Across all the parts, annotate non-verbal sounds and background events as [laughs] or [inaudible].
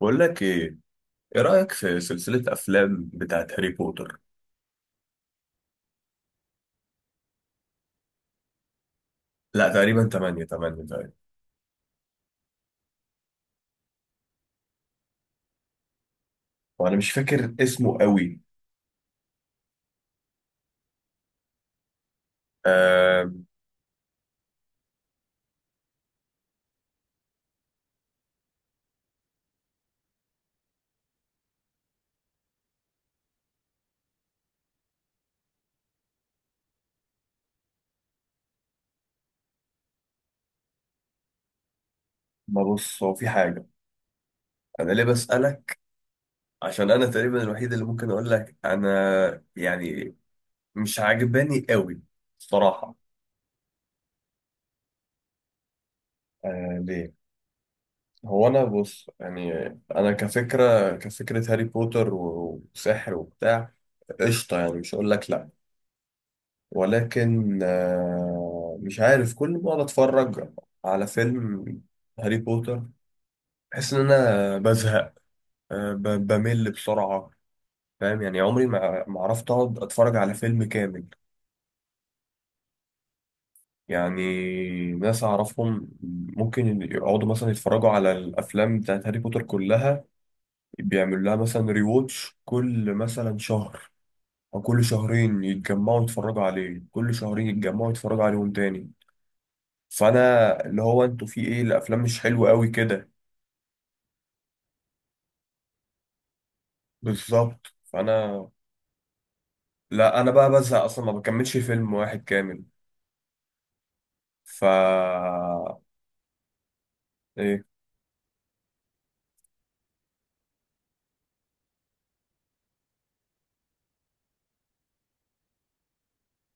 بقول لك ايه. ايه رأيك في سلسلة افلام بتاعت هاري بوتر؟ لا تقريبا 8 8 تقريبا. وانا مش فاكر اسمه قوي. آه. ما بص، هو في حاجة، انا ليه بسألك؟ عشان انا تقريبا الوحيد اللي ممكن اقول لك انا، يعني مش عاجباني قوي الصراحة. آه ليه، هو انا بص يعني، انا كفكرة هاري بوتر وسحر وبتاع، قشطة يعني، مش هقول لك لا. ولكن مش عارف، كل ما أقعد أتفرج على فيلم هاري بوتر بحس إن أنا بزهق. بمل بسرعة، فاهم؟ يعني عمري ما عرفت أقعد أتفرج على فيلم كامل. يعني ناس أعرفهم ممكن يقعدوا مثلا يتفرجوا على الأفلام بتاعت هاري بوتر كلها، بيعملوا لها مثلا ريواتش كل مثلا شهر أو كل شهرين، يتجمعوا يتفرجوا عليه، كل شهرين يتجمعوا يتفرجوا عليهم تاني. فانا اللي هو، انتوا في ايه، الافلام مش حلوه قوي كده. بالظبط، فانا لا انا بقى بزهق اصلا، ما بكملش فيلم واحد كامل. ف ايه.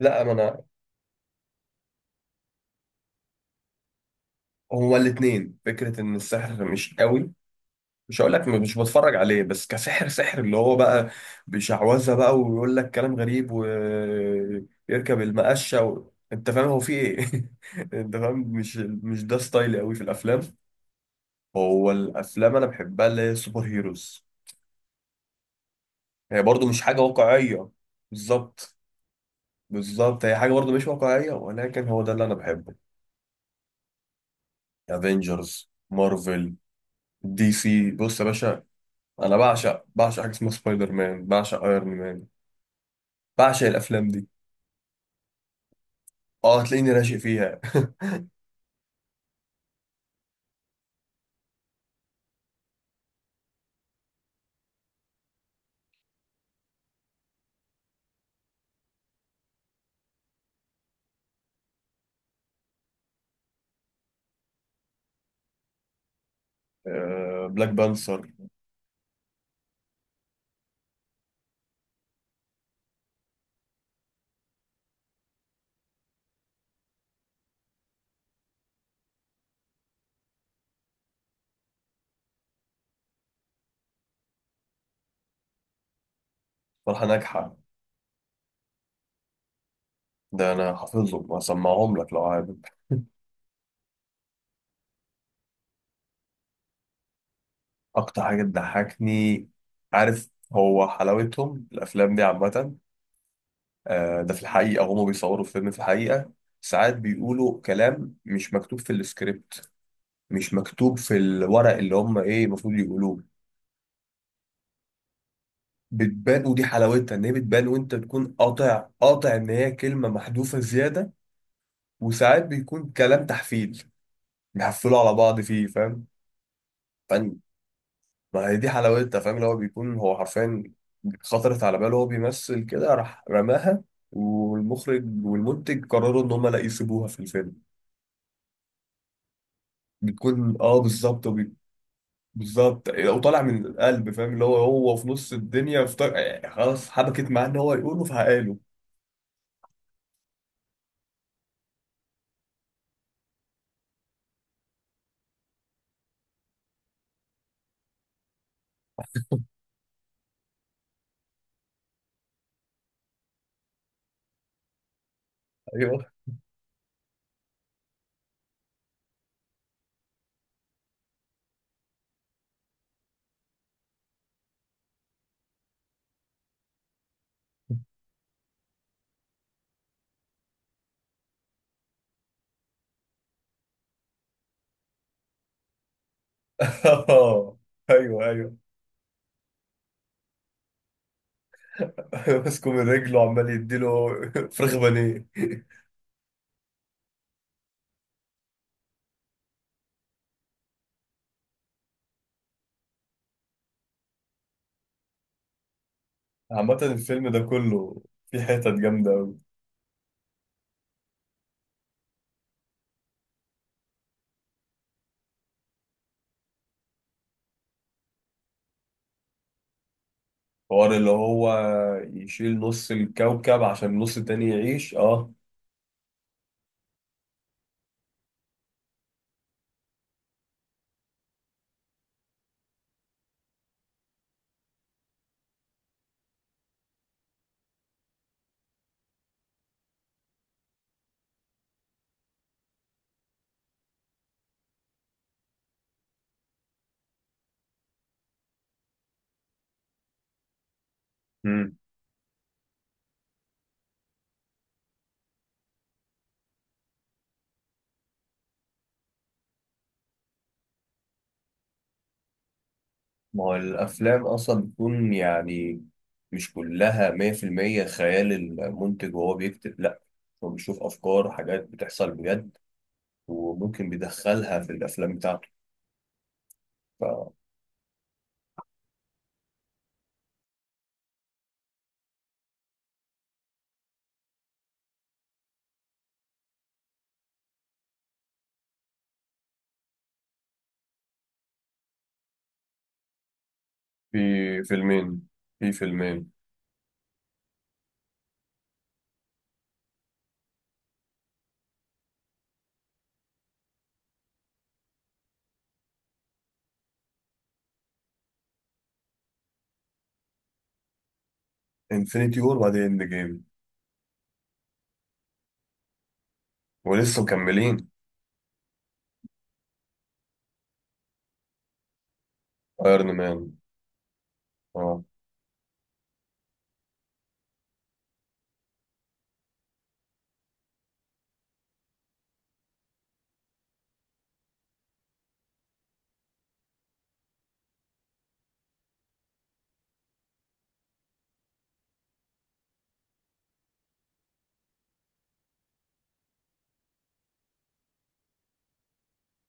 لا ما انا هو الاتنين، فكره ان السحر مش قوي، مش هقول لك مش بتفرج عليه، بس كسحر سحر اللي هو بقى بشعوذه بقى، ويقول لك كلام غريب ويركب المقشه و انت فاهم هو في ايه؟ [laughs] انت فاهم؟ مش ده ستايلي قوي في الافلام. هو الافلام انا بحبها اللي هي سوبر هيروز، هي برضو مش حاجة واقعية. بالظبط. بالظبط، هي حاجة برضو مش واقعية، ولكن هو ده اللي أنا بحبه. افنجرز مارفل. دي سي، بص يا باشا، أنا بعشق بعشق حاجة اسمها سبايدر مان، بعشق ايرون مان، بعشق الأفلام دي. اه هتلاقيني راشق فيها. [laughs] آه، بلاك بانثر. فرحة ناجحة. ده أنا حافظهم وأسمعهم لك لو عايز. [laughs] أكتر حاجة بتضحكني، عارف، هو حلاوتهم الأفلام دي عامة، ده في الحقيقة هما بيصوروا فيلم، في الحقيقة ساعات بيقولوا كلام مش مكتوب في السكريبت، مش مكتوب في الورق اللي هما ايه المفروض يقولوه. بتبان، ودي حلاوتها ان هي بتبان، وانت تكون قاطع قاطع ان هي كلمة محذوفة زيادة. وساعات بيكون كلام تحفيل، بيحفلوا على بعض فيه، فاهم. فن. ما هي دي حلاوتها، فاهم، اللي هو بيكون هو حرفيا خطرت على باله وهو بيمثل كده راح رماها، والمخرج والمنتج قرروا ان هما لا يسيبوها في الفيلم. بتكون اه، بالظبط، بالظبط، وطالع من القلب، فاهم اللي هو، هو في نص الدنيا في يعني خلاص حبكت معاه ان هو يقوله فهقاله. ايوه. [laughs] ايوه ايوه. [laughs] ماسكه من رجله وعمال يديله [laughs] فراخ بانيه. عامة الفيلم ده كله في حتت جامدة أوي. حوار اللي هو يشيل نص الكوكب عشان النص التاني يعيش، اه. ما هو الأفلام أصلا بتكون يعني مش كلها مية في المية خيال المنتج وهو بيكتب، لأ، هو بيشوف أفكار وحاجات بتحصل بجد وممكن بيدخلها في الأفلام بتاعته. ف في فيلمين. في فيلمين. انفينيتي وور وبعدين اند جيم. ولسه مكملين. ايرون مان. اه.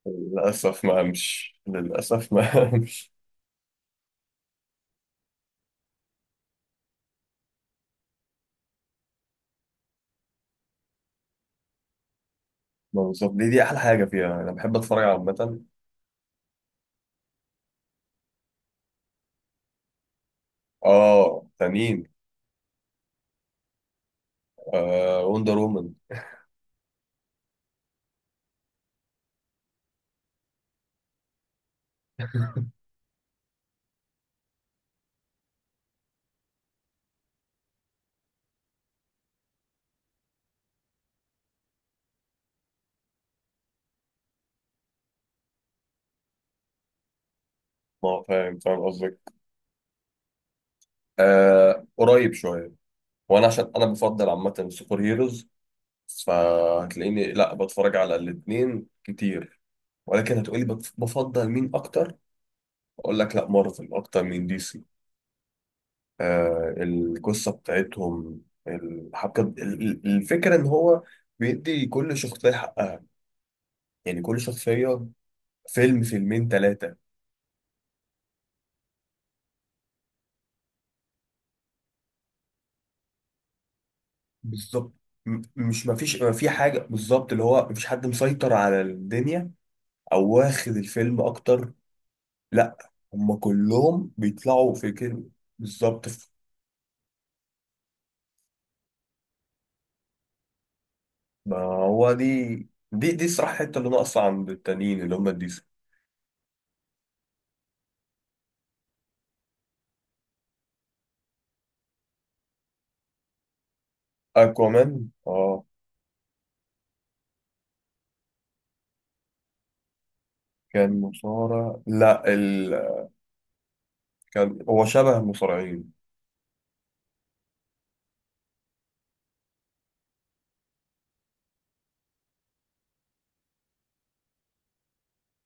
للأسف ما قامش، للأسف ما [laughs] قامش. ما وصل- دي دي أحلى حاجة فيها، أنا بحب أتفرج على عامة. اه تانيين. آه وندر وومن. ما هو فاهم، فاهم قصدي. آه قريب شويه، وانا عشان انا بفضل عامه سوبر هيروز، فهتلاقيني لا بتفرج على الاثنين كتير، ولكن هتقولي بفضل مين اكتر، اقول لك لا مارفل اكتر من دي سي. آه القصه بتاعتهم، الحبكه، الفكره ان هو بيدي كل شخصيه حقها، يعني كل شخصيه فيلم فيلمين ثلاثه. بالظبط. م- مش مفيش ما في حاجه بالظبط، اللي هو مفيش حد مسيطر على الدنيا او واخد الفيلم اكتر. لا هم كلهم بيطلعوا في كده. بالظبط. في، ما هو دي، دي الصراحة الحتة اللي ناقصة عند التانيين اللي هم الديسي. اكوامان اه. كان مصارع، لا ال... كان هو شبه المصارعين.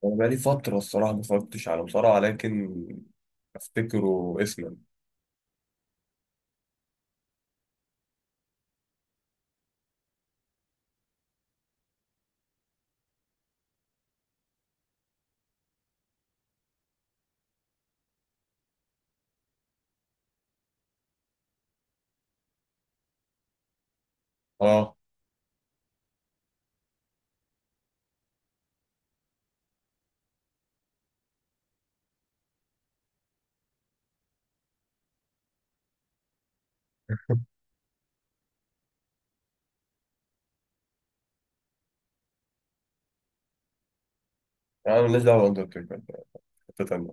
انا بقالي فترة الصراحة ما اتفرجتش على مصارعة، لكن افتكره اسما. اه. [laughs] يعني مالناش دعوة باندرتيكر، حتة تانية.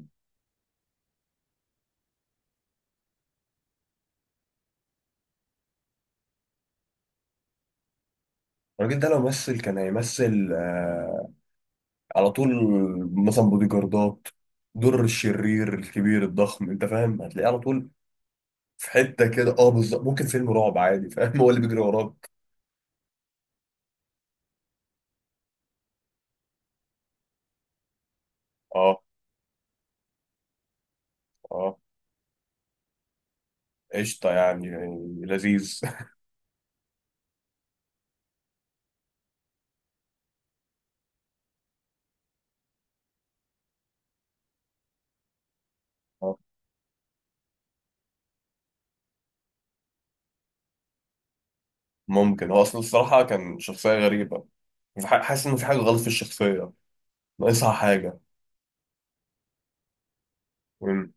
الراجل ده لو مثل كان هيمثل على طول. مثلا بودي جاردات، دور الشرير الكبير الضخم، انت فاهم، هتلاقيه على طول. في حته كده، اه بالظبط، ممكن فيلم رعب عادي، فاهم، [laughs] هو اللي بيجري وراك. اه. اه قشطه يعني, يعني لذيذ. آه، ممكن هو اصلا الصراحه كان شخصيه غريبه، في حاسس ان في حاجه غلط في الشخصيه، ناقصها حاجه. مم.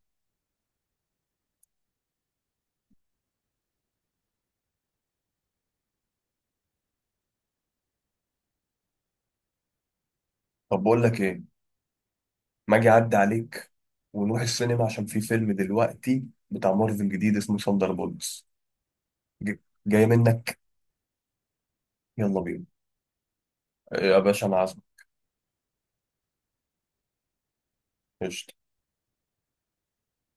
طب بقول لك ايه، ما اجي اعدي عليك ونروح السينما، عشان في فيلم دلوقتي بتاع مارفل جديد اسمه ثاندر بولتس. جاي منك، يلا بينا. يا باشا انا عازمك. قشطة.